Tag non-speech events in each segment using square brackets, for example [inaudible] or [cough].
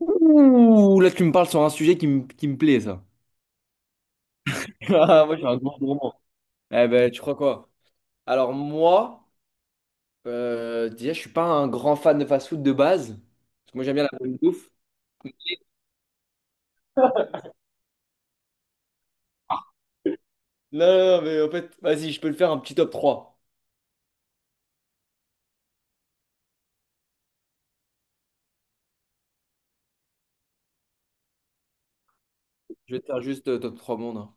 Ouh, là, tu me parles sur un sujet qui me plaît, ça. [laughs] Ah, moi, je suis un grand gourmand. Eh ben, tu crois quoi? Alors, moi, déjà, je suis pas un grand fan de fast-food de base. Parce que moi, j'aime bien la... Non, non, non, mais en fait, vas-y, je peux le faire un petit top 3. Je vais te faire juste top 3 monde, hein.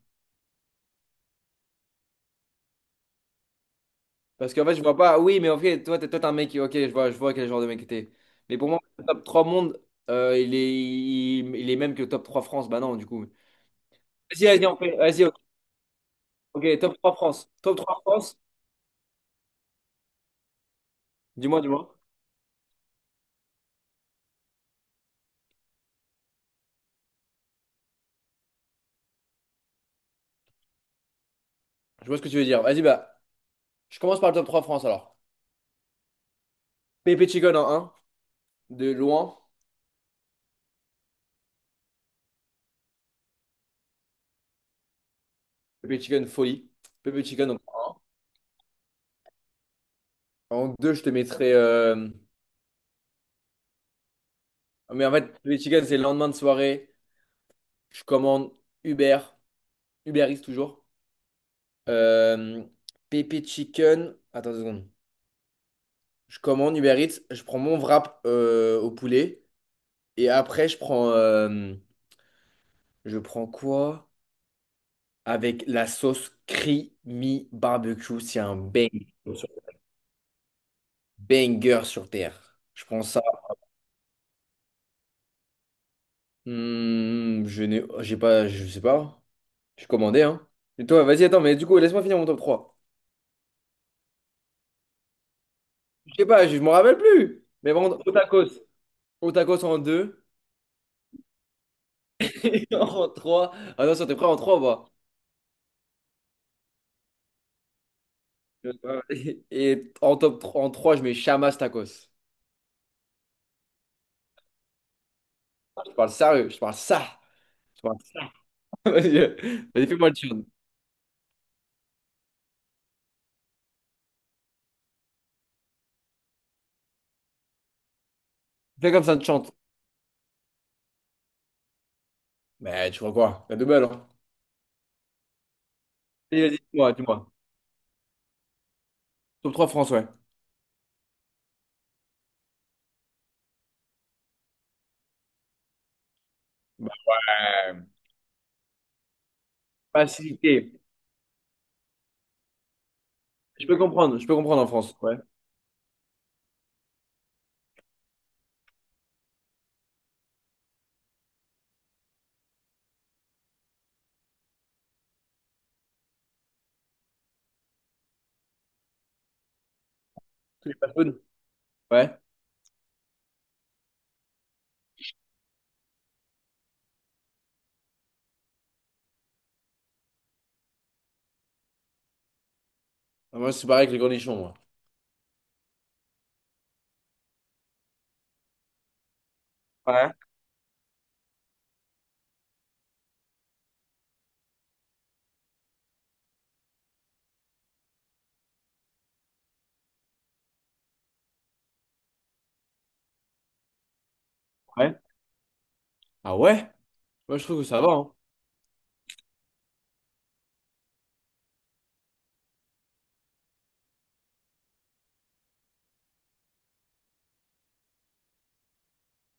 Parce qu'en fait, je vois pas... Oui, mais en fait, toi, t'es un mec... Ok, je vois quel genre de mec t'es. Mais pour moi, le top 3 monde, euh, il est, il est même que le top 3 France. Bah non, du coup. Vas-y, vas-y, on fait... Vas-y, ok, ok, top 3 France. Top 3 France, dis-moi, dis-moi. Je vois ce que tu veux dire. Vas-y, bah, je commence par le top 3 France alors. Pepe Chicken en un, de loin. Pepe Chicken folie. Pepe Chicken en 2, je te mettrai, mais en fait, Pepe Chicken, c'est le lendemain de soirée. Je commande Uber. Uber Eats toujours. Euh... Pepe Chicken. Attends deux secondes. Je commande Uber Eats. Je prends mon wrap au poulet. Et après, je prends quoi? Avec la sauce creamy barbecue. C'est un bang. Banger sur Terre. Je prends ça. Hmm, je n'ai, j'ai pas, je sais pas. Je commandé, hein. Et toi, vas-y, attends, mais du coup, laisse-moi finir mon top 3. Je sais pas, je m'en rappelle plus. Mais bon, au tacos. Au tacos en 2. [laughs] En 3. Attention, t'es prêt en 3, bah. Et en top 3, en 3, je mets Chamas tacos. Je parle sérieux, je parle ça. Je parle ça. [laughs] Vas-y, vas-y, fais-moi le chant. Fais comme ça, te chante. Mais tu vois quoi? La double, hein. Vas-y, vas-y, dis-moi, dis-moi. Top trois France, ouais. Bah, facilité. Je peux comprendre en France. Ouais. Tous les fast food. Ouais. Ah, moi, c'est pareil avec les cornichons, moi. Ouais. Ouais. Ah ouais? Moi, je trouve que ça va, hein.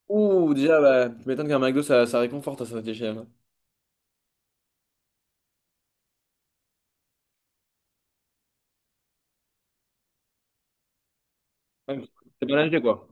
Ouh, déjà, bah, tu m'étonnes qu'un McDo, ça réconforte à cette échelle, hein. Ouais, c'est bien acheté, quoi.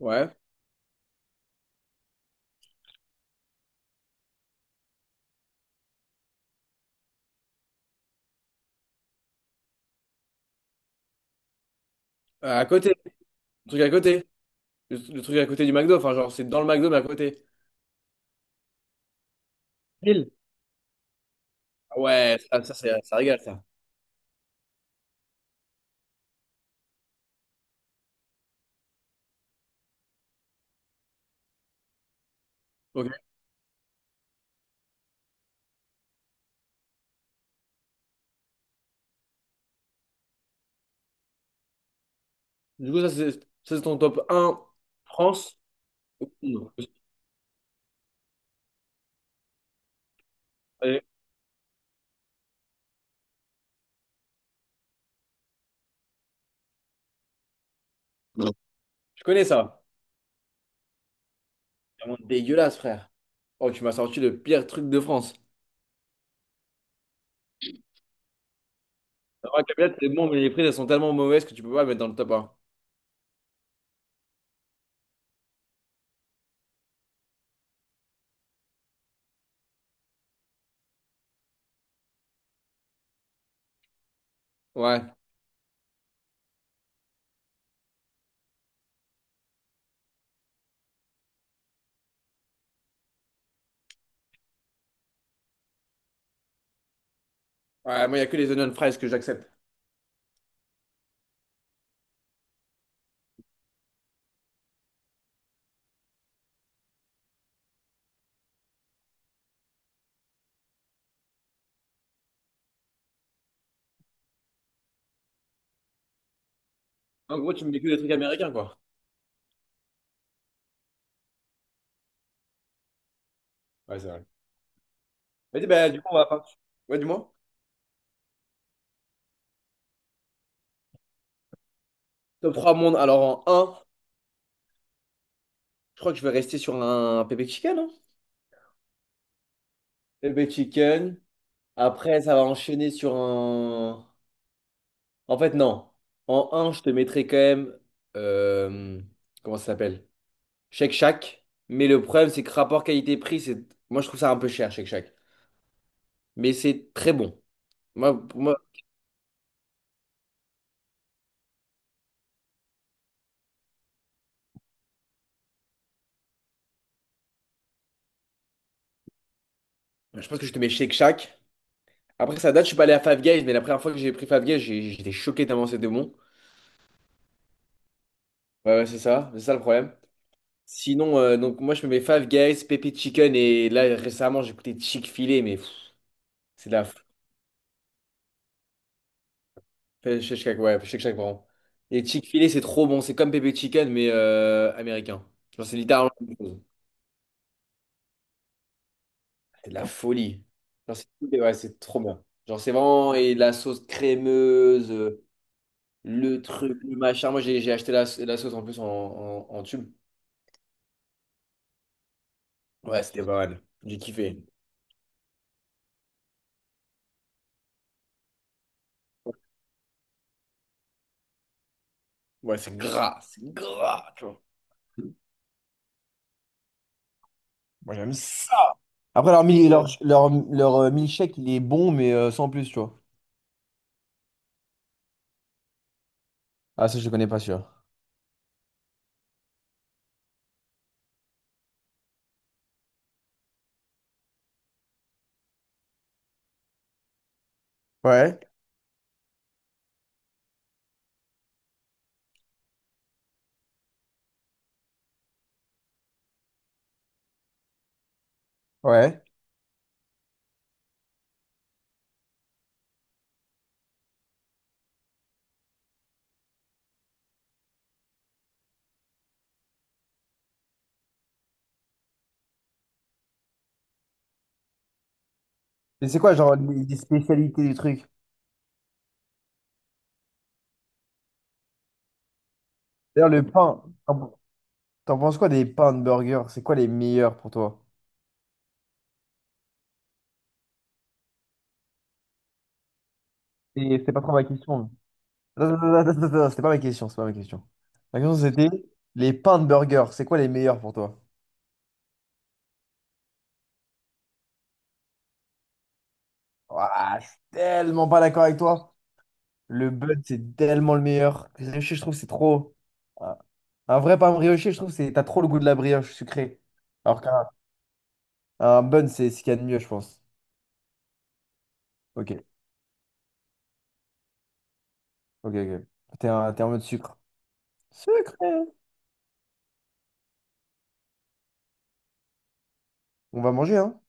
Ouais. À côté. Le truc à côté. Le truc à côté du McDo. Enfin, genre, c'est dans le McDo, mais à côté. Ville. Ah, ouais, ça, ça régale, ça. Ok. Du coup, ça, c'est ton top 1 France. Non. Allez. Je connais ça. C'est vraiment dégueulasse, frère. Oh, tu m'as sorti le pire truc de France. Ouais, Camelot, c'est bon, mais les frites, elles sont tellement mauvaises que tu peux pas les mettre dans le top 1. Ouais. Ouais, moi, il y a que les onion fries que j'accepte. En gros, tu me mets que des trucs américains, quoi. Ouais, c'est vrai. Vas-y, bah, du coup, on va pas. Ouais, dis-moi. Top 3 monde. Alors, en un, je crois que je vais rester sur un pépé chicken, hein. Pépé chicken. Après, ça va enchaîner sur un. En fait, non. En un, je te mettrai quand même, euh, comment ça s'appelle? Shake Shack. Mais le problème, c'est que rapport qualité-prix, c'est. Moi, je trouve ça un peu cher, Shake Shack. Mais c'est très bon. Moi, pour moi, je pense que je te mets Shake Shack. Après, ça date, je suis pas allé à Five Guys, mais la première fois que j'ai pris Five Guys, j'étais choqué tellement c'était bon. Ouais, ouais, c'est ça le problème. Sinon, donc moi, je me mets Five Guys, Pepe Chicken, et là, récemment, j'ai écouté Chick-fil-A, mais c'est de la. Shake Shack, ouais, Shake Shack, pardon. Et Chick-fil-A, c'est trop bon, c'est comme Pepe Chicken, mais américain. Genre, c'est littéralement la même chose. C'est de la folie. Genre, c'est, ouais, c'est trop bien. Genre, c'est vraiment. Et la sauce crémeuse, le truc, le machin. Moi, j'ai acheté la sauce en plus en tube. Ouais, c'était pas mal. J'ai kiffé. Ouais, c'est gras, tu vois. Moi, j'aime ça. Après, leur milkshake, il est bon, mais sans plus, tu vois. Ah, ça, je le connais pas, sûr. Ouais. Ouais. Mais c'est quoi, genre, les spécialités du truc? D'ailleurs, le pain, t'en penses quoi des pains de burger? C'est quoi les meilleurs pour toi? C'est pas trop ma question. Non, non, non, non, non, non, non, c'était pas ma question, c'est pas ma question. Ma question, c'était les pains de burger, c'est quoi les meilleurs pour toi? Ouah, je suis tellement pas d'accord avec toi. Le bud, c'est tellement le meilleur. Brioché, je trouve, c'est trop. Un un vrai pain brioché, je trouve, c'est t'as trop le goût de la brioche sucrée. Alors qu'un un bun, c'est ce qu'il y a de mieux, je pense. Ok, ok, ok. T'es en mode sucre. Sucré. On va manger, hein.